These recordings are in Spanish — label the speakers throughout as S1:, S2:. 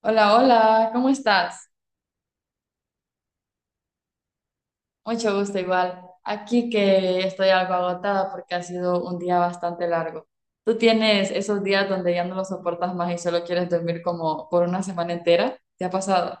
S1: Hola, hola, ¿cómo estás? Mucho gusto igual. Aquí que estoy algo agotada porque ha sido un día bastante largo. ¿Tú tienes esos días donde ya no lo soportas más y solo quieres dormir como por una semana entera? ¿Te ha pasado?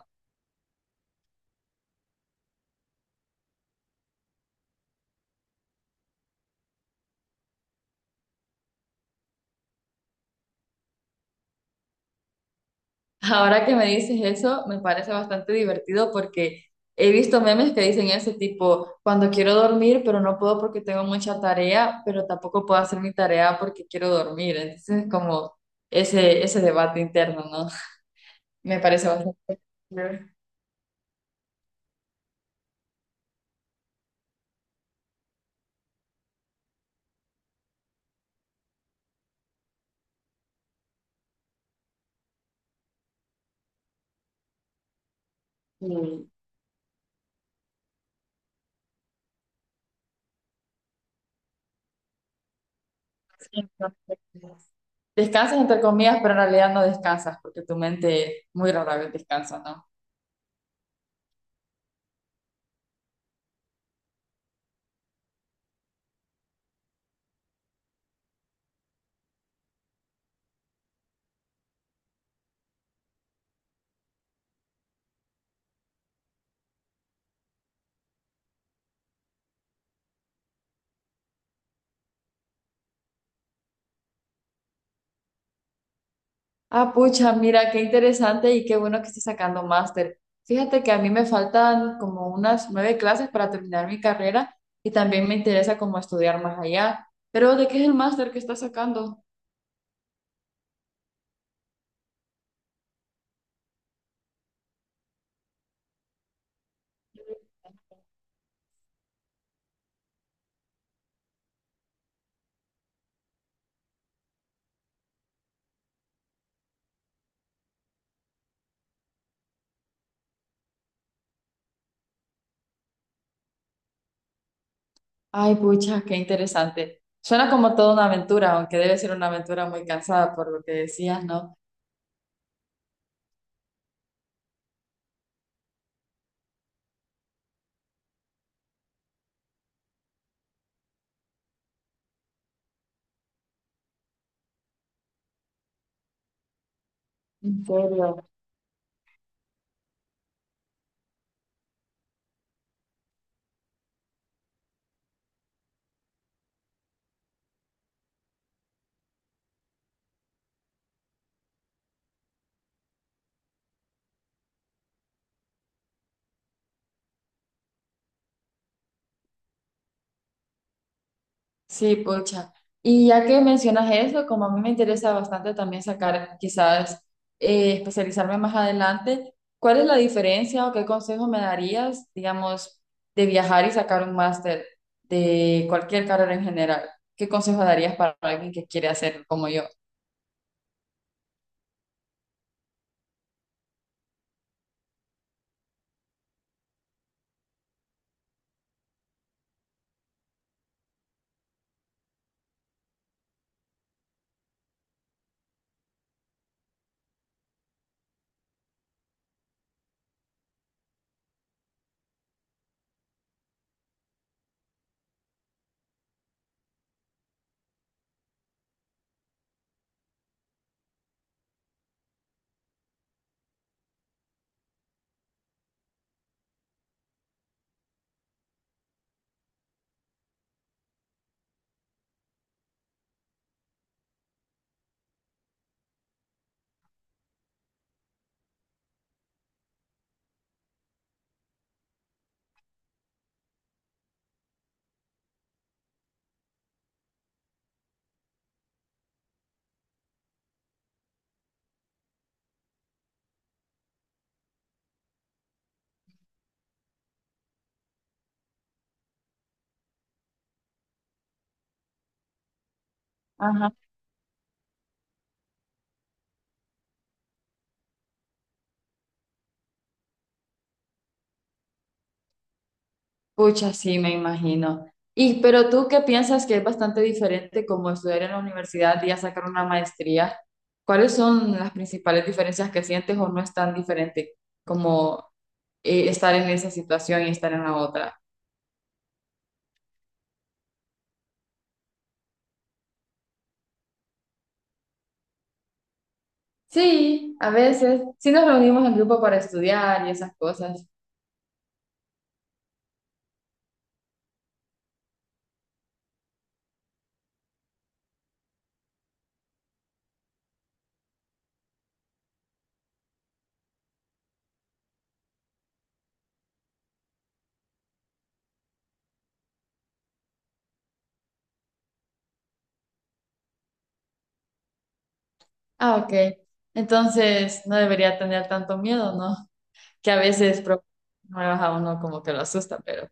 S1: Ahora que me dices eso, me parece bastante divertido porque he visto memes que dicen ese tipo, cuando quiero dormir, pero no puedo porque tengo mucha tarea, pero tampoco puedo hacer mi tarea porque quiero dormir. Entonces, es como ese debate interno, ¿no? Me parece bastante... Y, sí, entonces, descansas entre comillas, pero en realidad no descansas porque tu mente muy rara vez descansa, ¿no? Ah, pucha, mira, qué interesante y qué bueno que estés sacando máster. Fíjate que a mí me faltan como unas nueve clases para terminar mi carrera y también me interesa como estudiar más allá. Pero, ¿de qué es el máster que estás sacando? Ay, pucha, qué interesante. Suena como toda una aventura, aunque debe ser una aventura muy cansada por lo que decías, ¿no? ¿En serio? Sí, pocha. Y ya que mencionas eso, como a mí me interesa bastante también sacar, quizás especializarme más adelante, ¿cuál es la diferencia o qué consejo me darías, digamos, de viajar y sacar un máster de cualquier carrera en general? ¿Qué consejo darías para alguien que quiere hacerlo como yo? Pucha, sí, me imagino. Y, ¿pero tú qué piensas que es bastante diferente como estudiar en la universidad y ya sacar una maestría? ¿Cuáles son las principales diferencias que sientes o no es tan diferente como estar en esa situación y estar en la otra? Sí, a veces sí nos reunimos en grupo para estudiar y esas cosas. Ah, ok. Entonces no debería tener tanto miedo, ¿no? Que a veces nuevas a uno como que lo asusta, pero...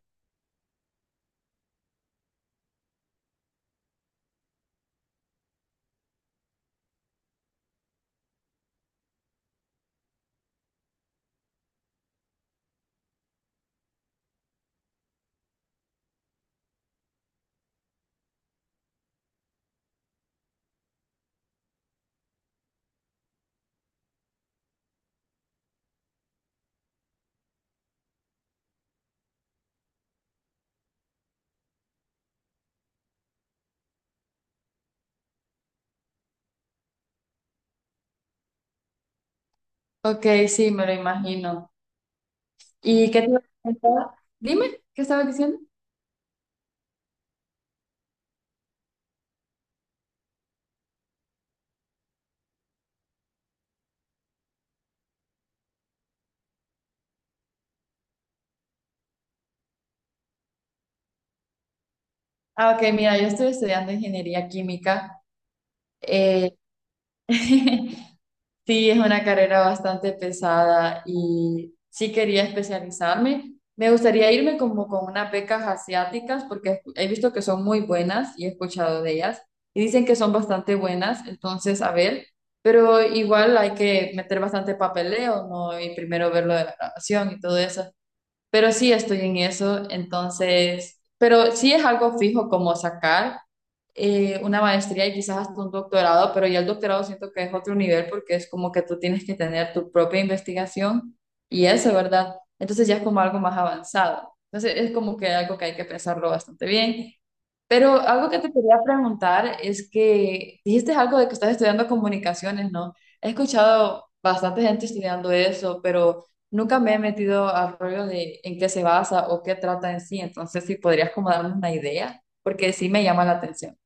S1: Ok, sí, me lo imagino. ¿Y qué te iba a preguntar? Dime, ¿qué estabas diciendo? Ah, ok, mira, yo estoy estudiando ingeniería química. Eh, sí, es una carrera bastante pesada y sí quería especializarme. Me gustaría irme como con unas becas asiáticas porque he visto que son muy buenas y he escuchado de ellas y dicen que son bastante buenas, entonces a ver, pero igual hay que meter bastante papeleo, ¿no? Y primero ver lo de la grabación y todo eso. Pero sí estoy en eso, entonces, pero sí es algo fijo como sacar una maestría y quizás hasta un doctorado, pero ya el doctorado siento que es otro nivel porque es como que tú tienes que tener tu propia investigación y eso, ¿verdad? Entonces ya es como algo más avanzado. Entonces es como que algo que hay que pensarlo bastante bien, pero algo que te quería preguntar es que dijiste algo de que estás estudiando comunicaciones, ¿no? He escuchado bastante gente estudiando eso, pero nunca me he metido al rollo de en qué se basa o qué trata en sí. Entonces, si podrías como darme una idea, porque sí me llama la atención.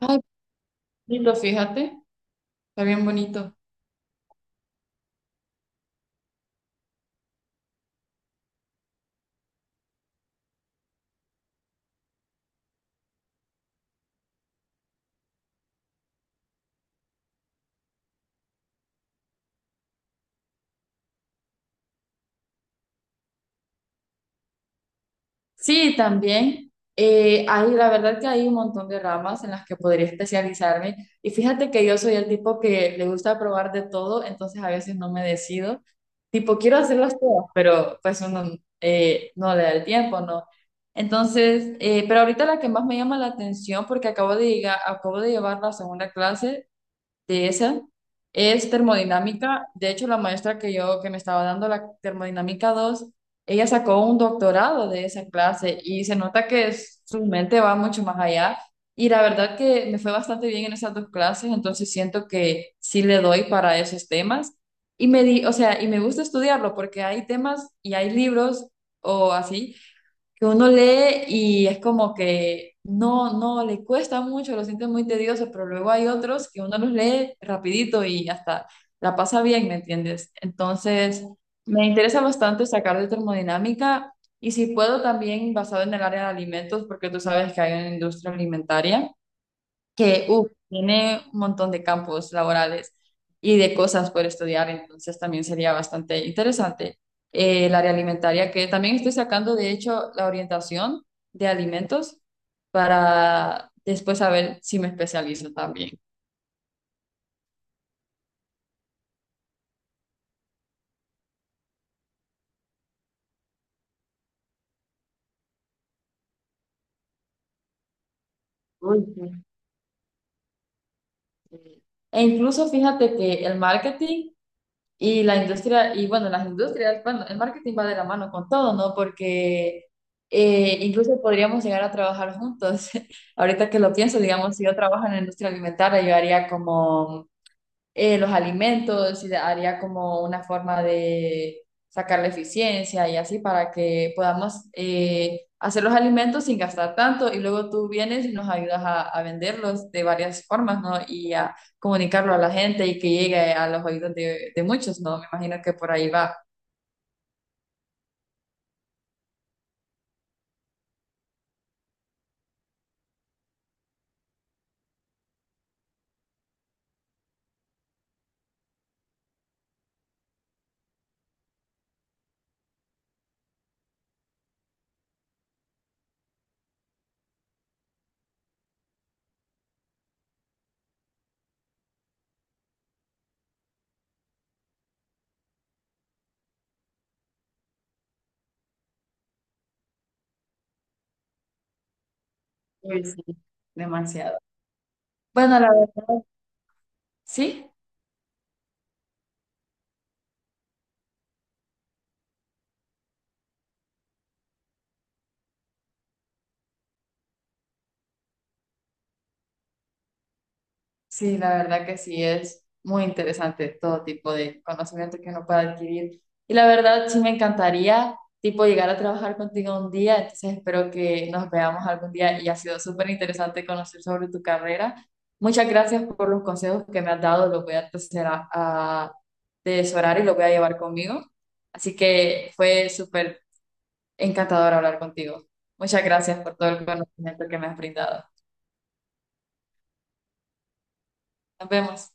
S1: Ay, lindo, fíjate, está bien bonito. Sí, también. La verdad que hay un montón de ramas en las que podría especializarme. Y fíjate que yo soy el tipo que le gusta probar de todo, entonces a veces no me decido. Tipo, quiero hacerlas todas, pero pues uno no le da el tiempo, ¿no? Entonces, pero ahorita la que más me llama la atención, porque acabo de llegar, acabo de llevar la segunda clase, de esa, es termodinámica. De hecho, la maestra que yo que me estaba dando la termodinámica dos, ella sacó un doctorado de esa clase y se nota que su mente va mucho más allá. Y la verdad que me fue bastante bien en esas dos clases, entonces siento que sí le doy para esos temas. Y me di, o sea, y me gusta estudiarlo porque hay temas y hay libros o así que uno lee y es como que no, no, le cuesta mucho, lo siente muy tedioso, pero luego hay otros que uno los lee rapidito y hasta la pasa bien, ¿me entiendes? Entonces, me interesa bastante sacar de termodinámica y si puedo también basado en el área de alimentos, porque tú sabes que hay una industria alimentaria que uf, tiene un montón de campos laborales y de cosas por estudiar, entonces también sería bastante interesante. El área alimentaria, que también estoy sacando, de hecho, la orientación de alimentos, para después saber si me especializo también. Uy, sí. E incluso fíjate que el marketing. Y la industria, y bueno, las industrias, bueno, el marketing va de la mano con todo, ¿no? Porque incluso podríamos llegar a trabajar juntos. Ahorita que lo pienso, digamos, si yo trabajo en la industria alimentaria, yo haría como los alimentos y haría como una forma de sacar la eficiencia y así para que podamos hacer los alimentos sin gastar tanto y luego tú vienes y nos ayudas a venderlos de varias formas, ¿no? Y a comunicarlo a la gente y que llegue a los oídos de muchos, ¿no? Me imagino que por ahí va. Uy, sí, demasiado. Bueno, la verdad, sí. Sí, la verdad que sí es muy interesante todo tipo de conocimiento que uno pueda adquirir. Y la verdad sí me encantaría tipo llegar a trabajar contigo un día, entonces espero que nos veamos algún día y ha sido súper interesante conocer sobre tu carrera. Muchas gracias por los consejos que me has dado, los voy a empezar a atesorar y los voy a llevar conmigo. Así que fue súper encantador hablar contigo. Muchas gracias por todo el conocimiento que me has brindado. Nos vemos.